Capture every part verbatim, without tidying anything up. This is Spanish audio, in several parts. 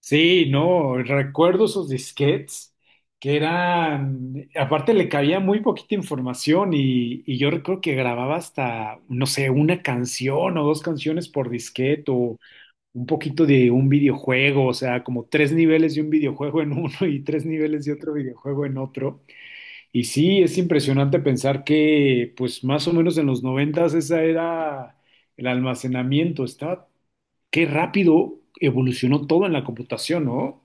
Sí, no, recuerdo esos disquetes que eran, aparte le cabía muy poquita información y, y yo recuerdo que grababa hasta, no sé, una canción o dos canciones por disquete o un poquito de un videojuego, o sea, como tres niveles de un videojuego en uno y tres niveles de otro videojuego en otro. Y sí, es impresionante pensar que, pues más o menos en los noventas esa era el almacenamiento, estaba, qué rápido evolucionó todo en la computación, ¿no?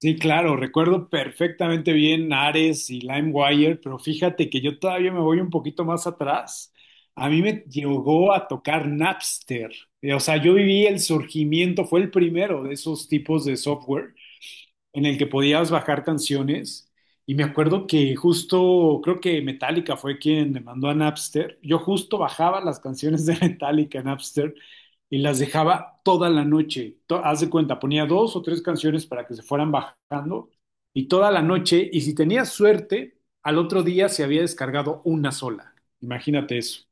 Sí, claro, recuerdo perfectamente bien Ares y LimeWire, pero fíjate que yo todavía me voy un poquito más atrás. A mí me llegó a tocar Napster. Eh, O sea, yo viví el surgimiento, fue el primero de esos tipos de software en el que podías bajar canciones. Y me acuerdo que justo, creo que Metallica fue quien me mandó a Napster. Yo justo bajaba las canciones de Metallica en Napster y las dejaba toda la noche. To- haz de cuenta, ponía dos o tres canciones para que se fueran bajando y toda la noche. Y si tenía suerte, al otro día se había descargado una sola. Imagínate eso.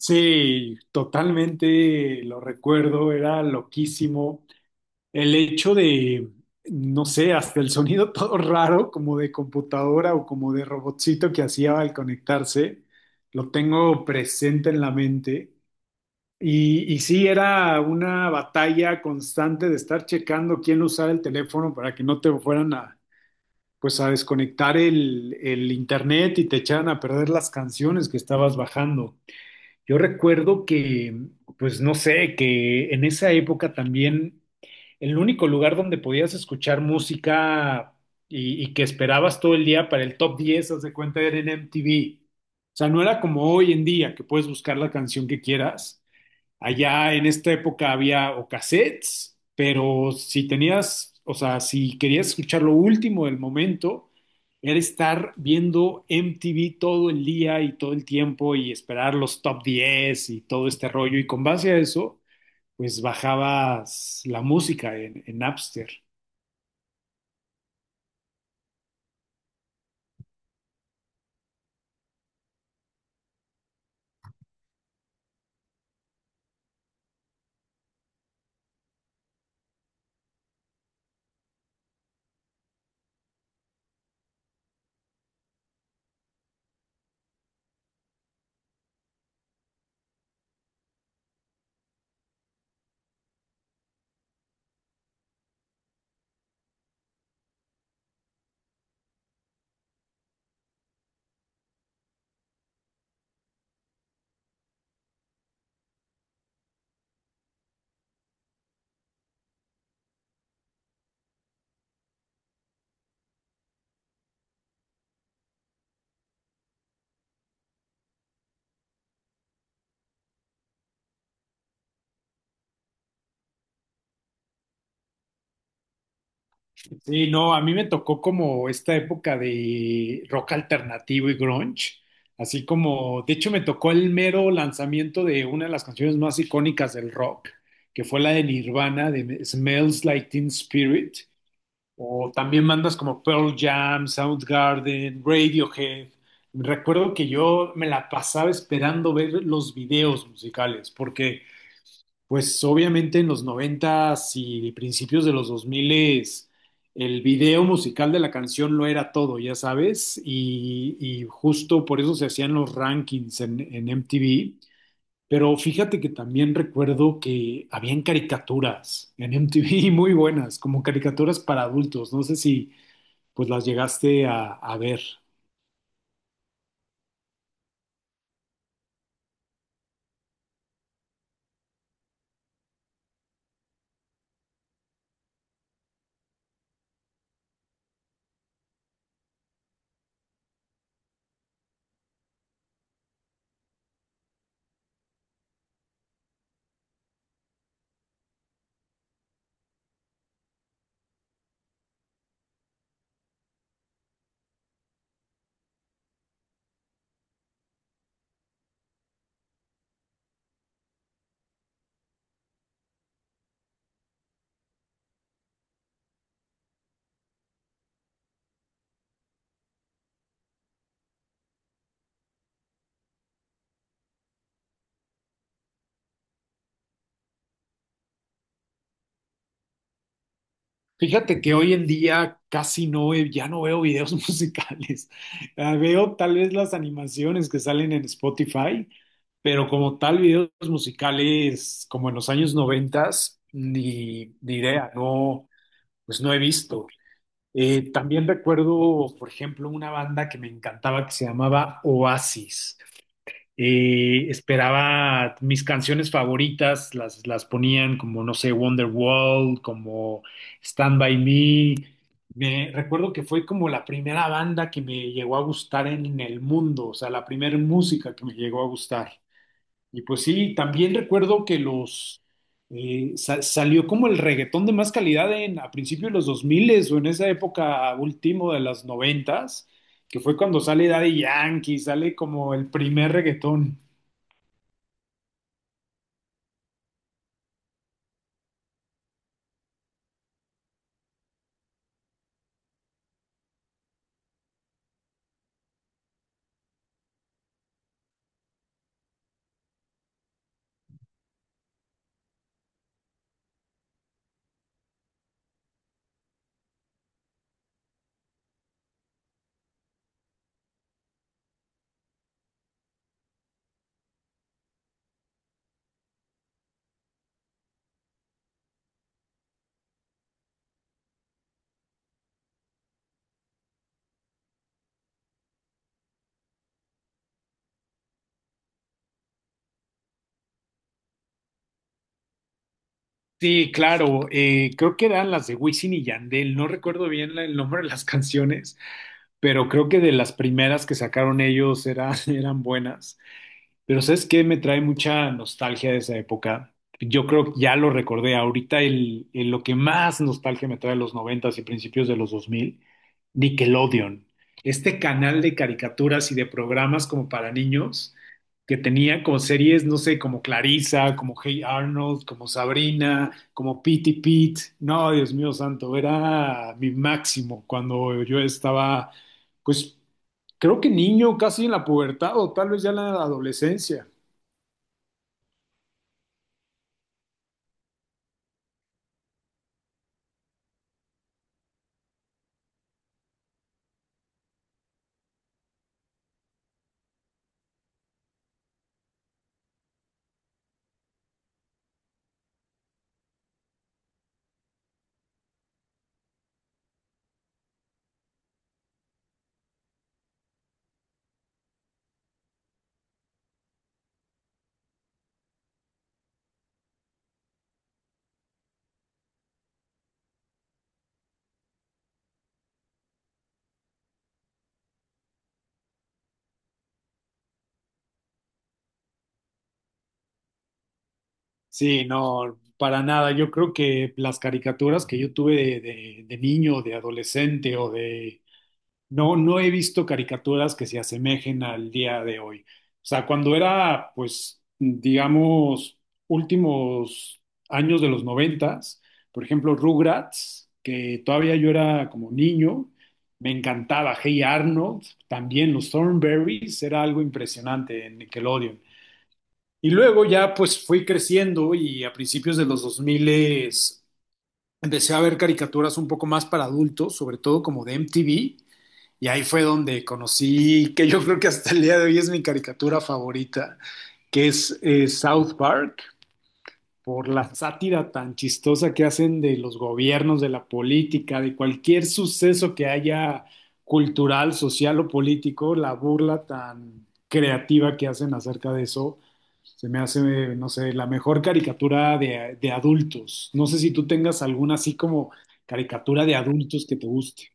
Sí, totalmente lo recuerdo, era loquísimo. El hecho de, no sé, hasta el sonido todo raro, como de computadora o como de robotcito que hacía al conectarse, lo tengo presente en la mente. Y, y sí, era una batalla constante de estar checando quién usaba el teléfono para que no te fueran a, pues a desconectar el, el internet y te echaran a perder las canciones que estabas bajando. Yo recuerdo que, pues no sé, que en esa época también el único lugar donde podías escuchar música y, y que esperabas todo el día para el top diez, haz de cuenta, era en M T V. O sea, no era como hoy en día que puedes buscar la canción que quieras. Allá en esta época había o cassettes, pero si tenías, o sea, si querías escuchar lo último del momento, era estar viendo M T V todo el día y todo el tiempo y esperar los top diez y todo este rollo. Y con base a eso, pues bajabas la música en, en Napster. Sí, no, a mí me tocó como esta época de rock alternativo y grunge, así como, de hecho me tocó el mero lanzamiento de una de las canciones más icónicas del rock, que fue la de Nirvana, de Smells Like Teen Spirit, o también bandas como Pearl Jam, Soundgarden, Radiohead. Recuerdo que yo me la pasaba esperando ver los videos musicales, porque pues obviamente en los noventa y principios de los dos mil el video musical de la canción lo era todo, ya sabes, y, y justo por eso se hacían los rankings en, en M T V. Pero fíjate que también recuerdo que habían caricaturas en M T V muy buenas, como caricaturas para adultos. No sé si pues las llegaste a, a ver. Fíjate que hoy en día casi no, ve- ya no veo videos musicales. Ah, Veo tal vez las animaciones que salen en Spotify, pero como tal videos musicales como en los años noventas, ni, ni idea, no, pues no he visto. Eh, también recuerdo, por ejemplo, una banda que me encantaba que se llamaba Oasis. Eh, esperaba mis canciones favoritas, las, las ponían como, no sé, Wonderwall, como Stand By Me. Me recuerdo que fue como la primera banda que me llegó a gustar en el mundo, o sea, la primera música que me llegó a gustar. Y pues sí, también recuerdo que los eh, sa- salió como el reggaetón de más calidad en, a principios de los dos mil o en esa época último de las noventa que fue cuando sale Daddy Yankee, sale como el primer reggaetón. Sí, claro, eh, creo que eran las de Wisin y Yandel, no recuerdo bien la- el nombre de las canciones, pero creo que de las primeras que sacaron ellos eran, eran buenas. Pero ¿sabes qué? Me trae mucha nostalgia de esa época. Yo creo que ya lo recordé. Ahorita el, el- lo que más nostalgia me trae de los noventas y principios de los dos mil, Nickelodeon. Este canal de caricaturas y de programas como para niños que tenía como series, no sé, como Clarissa, como Hey Arnold, como Sabrina, como Pitty Pete. No, Dios mío santo, era mi máximo cuando yo estaba, pues, creo que niño, casi en la pubertad o tal vez ya en la adolescencia. Sí, no, para nada. Yo creo que las caricaturas que yo tuve de, de- de niño, de adolescente o de, no, no he visto caricaturas que se asemejen al día de hoy. O sea, cuando era, pues, digamos, últimos años de los noventas, por ejemplo, Rugrats, que todavía yo era como niño, me encantaba. Hey Arnold, también los Thornberrys, era algo impresionante en Nickelodeon. Y luego ya, pues, fui creciendo y a principios de los dos mil empecé a ver caricaturas un poco más para adultos, sobre todo como de M T V, y ahí fue donde conocí, que yo creo que hasta el día de hoy es mi caricatura favorita, que es eh, South Park, por la sátira tan chistosa que hacen de los gobiernos, de la política, de cualquier suceso que haya cultural, social o político, la burla tan creativa que hacen acerca de eso, se me hace, no sé, la mejor caricatura de, de adultos. No sé si tú tengas alguna así como caricatura de adultos que te guste.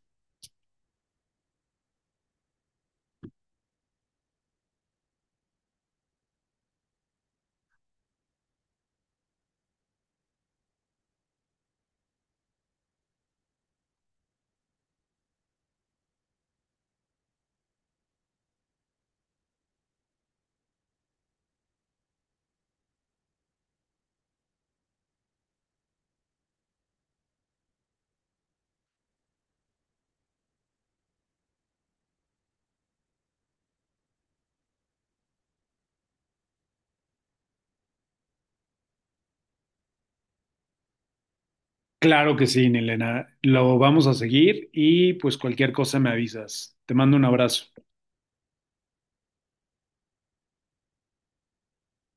Claro que sí, Elena. Lo vamos a seguir y pues cualquier cosa me avisas. Te mando un abrazo.